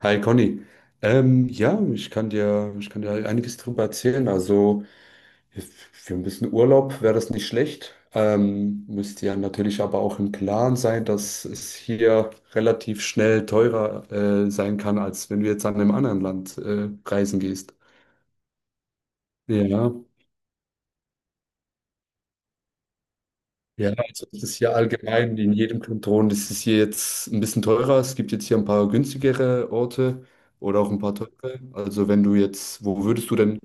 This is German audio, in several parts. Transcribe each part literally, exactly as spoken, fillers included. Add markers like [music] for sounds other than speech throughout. Hi Conny. Ähm, ja, ich kann dir, ich kann dir einiges drüber erzählen. Also für ein bisschen Urlaub wäre das nicht schlecht. Ähm, müsst ihr natürlich aber auch im Klaren sein, dass es hier relativ schnell teurer äh, sein kann, als wenn du jetzt an einem anderen Land äh, reisen gehst. Ja, ja, also es ist hier allgemein in jedem Kanton ist es hier jetzt ein bisschen teurer. Es gibt jetzt hier ein paar günstigere Orte oder auch ein paar teure. Also wenn du jetzt, wo würdest du denn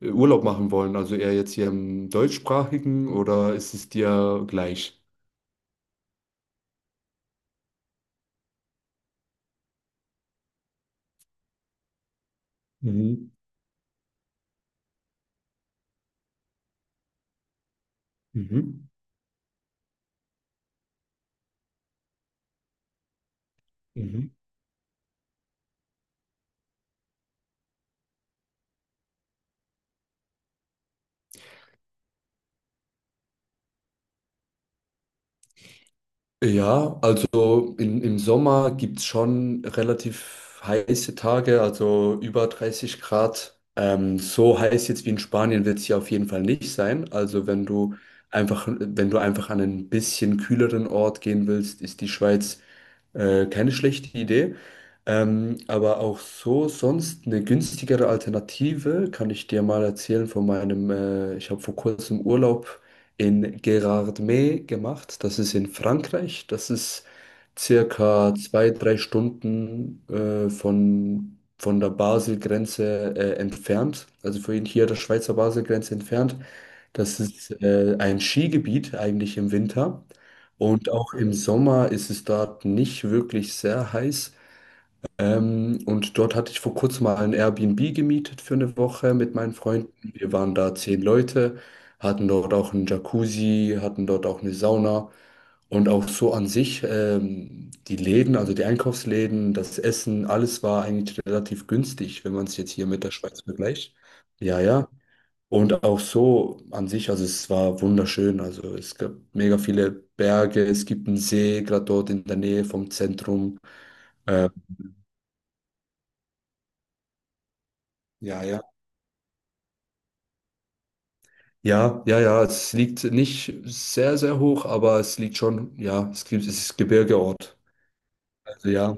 Urlaub machen wollen? Also eher jetzt hier im deutschsprachigen oder ist es dir gleich? Mhm. Mhm. Mhm. Ja, also in, im Sommer gibt es schon relativ heiße Tage, also über dreißig Grad. Ähm, so heiß jetzt wie in Spanien wird es hier auf jeden Fall nicht sein. Also wenn du einfach, wenn du einfach an einen bisschen kühleren Ort gehen willst, ist die Schweiz Äh, keine schlechte Idee. Ähm, aber auch so sonst eine günstigere Alternative kann ich dir mal erzählen von meinem, äh, ich habe vor kurzem Urlaub in Gérardmer gemacht. Das ist in Frankreich. Das ist circa zwei, drei Stunden äh, von, von der Basel-Grenze äh, entfernt. Also von hier der Schweizer Basel-Grenze entfernt. Das ist äh, ein Skigebiet eigentlich im Winter. Und auch im Sommer ist es dort nicht wirklich sehr heiß. Ähm, und dort hatte ich vor kurzem mal ein Airbnb gemietet für eine Woche mit meinen Freunden. Wir waren da zehn Leute, hatten dort auch einen Jacuzzi, hatten dort auch eine Sauna. Und auch so an sich, ähm, die Läden, also die Einkaufsläden, das Essen, alles war eigentlich relativ günstig, wenn man es jetzt hier mit der Schweiz vergleicht. Ja, ja. Und auch so an sich, also es war wunderschön. Also es gab mega viele Berge, es gibt einen See, gerade dort in der Nähe vom Zentrum. Äh, ja, ja. Ja, ja, ja, es liegt nicht sehr, sehr hoch, aber es liegt schon, ja, es gibt, es ist Gebirgeort. Also ja,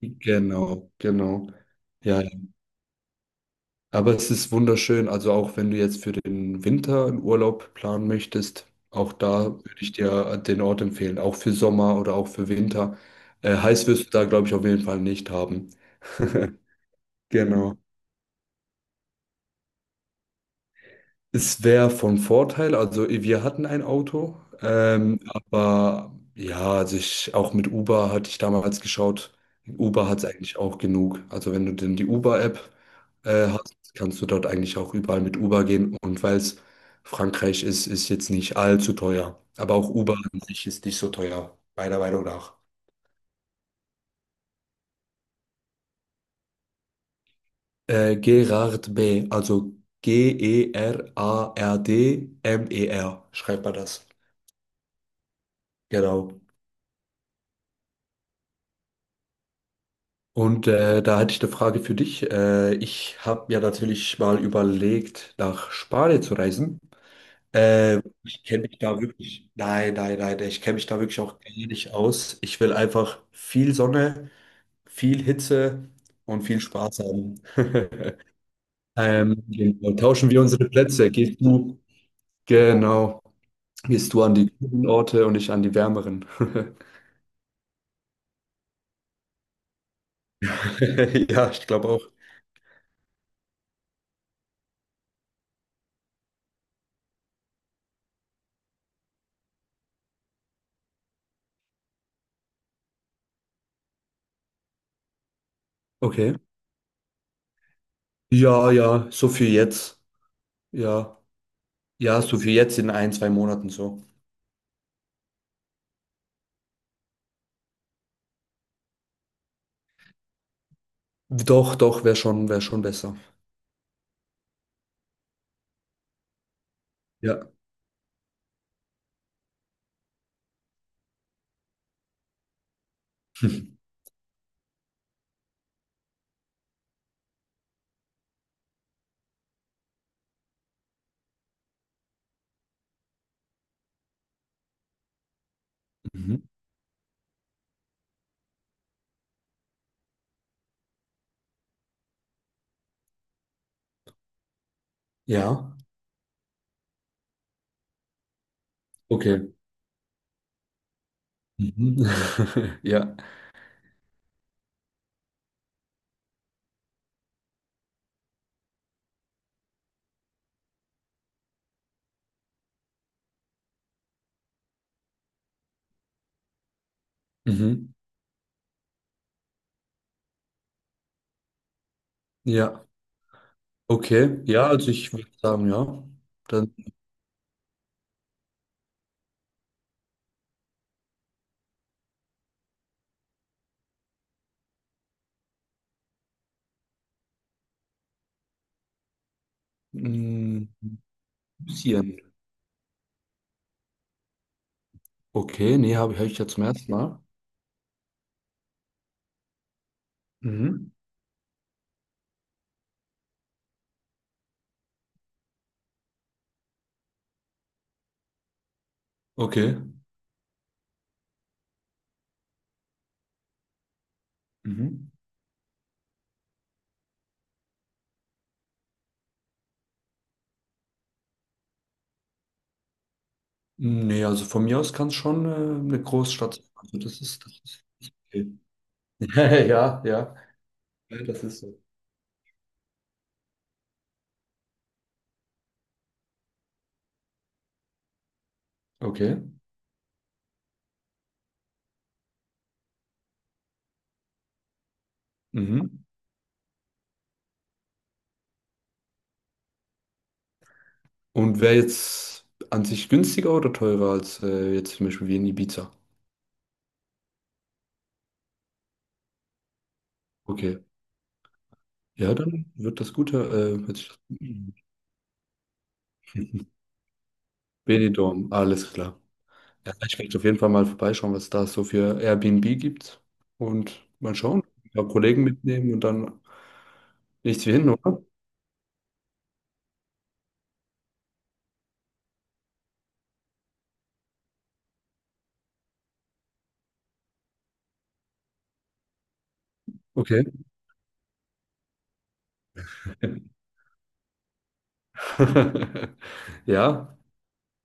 genau, genau. Ja, aber es ist wunderschön, also auch wenn du jetzt für den Winter einen Urlaub planen möchtest, auch da würde ich dir den Ort empfehlen, auch für Sommer oder auch für Winter. Äh, heiß wirst du da, glaube ich, auf jeden Fall nicht haben. [laughs] Genau. Es wäre von Vorteil, also wir hatten ein Auto, ähm, aber ja, also ich, auch mit Uber hatte ich damals geschaut. Uber hat es eigentlich auch genug. Also wenn du denn die Uber-App äh, hast, kannst du dort eigentlich auch überall mit Uber gehen. Und weil es Frankreich ist, ist jetzt nicht allzu teuer. Aber auch Uber an sich ist nicht so teuer, meiner Meinung nach. Äh, Gerard B., also G E R A R D M E R, schreibt man das. Genau. Und äh, da hätte ich eine Frage für dich. Äh, ich habe ja natürlich mal überlegt, nach Spanien zu reisen. Äh, ich kenne mich da wirklich, nein, nein, nein, ich kenne mich da wirklich auch gar nicht aus. Ich will einfach viel Sonne, viel Hitze und viel Spaß haben. [laughs] Ähm, genau. Tauschen wir unsere Plätze. Gehst du, genau, gehst du an die kühlen Orte und ich an die wärmeren. [laughs] Ja, ich glaube auch. Okay. Ja, ja, so viel jetzt. Ja. Ja, so für jetzt in ein, zwei Monaten so. Doch, doch, wäre schon, wäre schon besser. Ja. [laughs] Mhm. Ja, okay. Mhm. [laughs] Ja. Mhm. Ja. Okay. Ja, also ich würde sagen, ja. Dann mm, Lucien. Okay, nee, habe hab hab ich ja zum ersten Mal. Mhm. Okay. Mhm. Nee, also von mir aus kann es schon äh, eine Großstadt sein. Also das ist, das ist okay. [laughs] Ja, ja. Ja, das ist so. Okay. Mhm. Und wäre jetzt an sich günstiger oder teurer als äh, jetzt zum Beispiel wie in Ibiza? Okay. Ja, dann wird das Gute. Äh, hört sich [laughs] das- Benidorm, alles klar. Ja, ich werde auf jeden Fall mal vorbeischauen, was da so für Airbnb gibt. Und mal schauen. Ein paar Kollegen mitnehmen und dann nichts wie hin, oder? Okay. [laughs] Ja,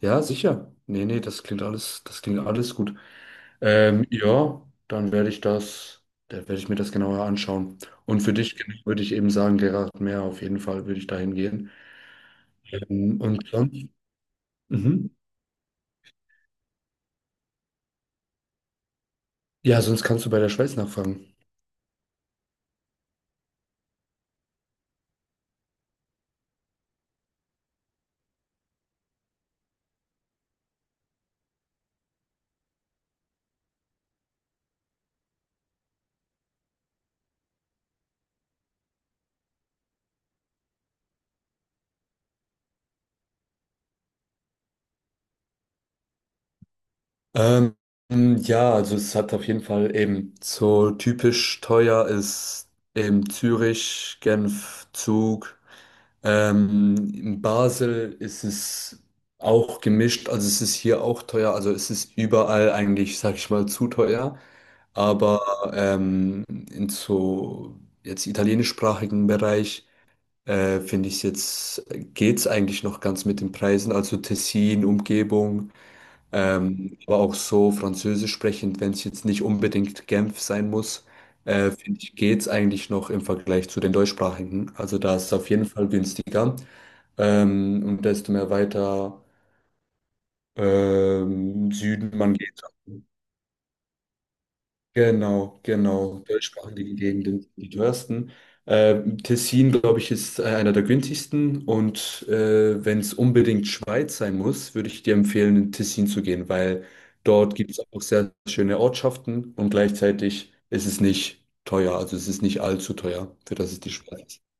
ja, sicher. Nee, nee, das klingt alles, das klingt alles gut. Ähm, ja, dann werde ich das, dann werde ich mir das genauer anschauen. Und für dich genau würde ich eben sagen, Gerhard Mehr, auf jeden Fall würde ich dahin gehen. Ähm, und sonst, mhm. Ja, sonst kannst du bei der Schweiz nachfragen. Ähm, ja, also es hat auf jeden Fall eben so typisch teuer ist eben Zürich, Genf, Zug. Ähm, in Basel ist es auch gemischt, also es ist hier auch teuer, also es ist überall eigentlich, sag ich mal, zu teuer. Aber ähm, in so jetzt italienischsprachigen Bereich äh, finde ich es jetzt, geht's eigentlich noch ganz mit den Preisen, also Tessin, Umgebung, ähm, aber auch so französisch sprechend, wenn es jetzt nicht unbedingt Genf sein muss, äh, finde ich, geht's eigentlich noch im Vergleich zu den deutschsprachigen. Also da ist es auf jeden Fall günstiger. Ähm, und desto mehr weiter ähm, Süden man geht. Genau, genau. Deutschsprachige Gegenden sind die teuersten. Ähm, Tessin, glaube ich, ist äh, einer der günstigsten. Und äh, wenn es unbedingt Schweiz sein muss, würde ich dir empfehlen, in Tessin zu gehen, weil dort gibt es auch sehr schöne Ortschaften und gleichzeitig ist es nicht teuer. Also es ist nicht allzu teuer, für das es die Schweiz ist.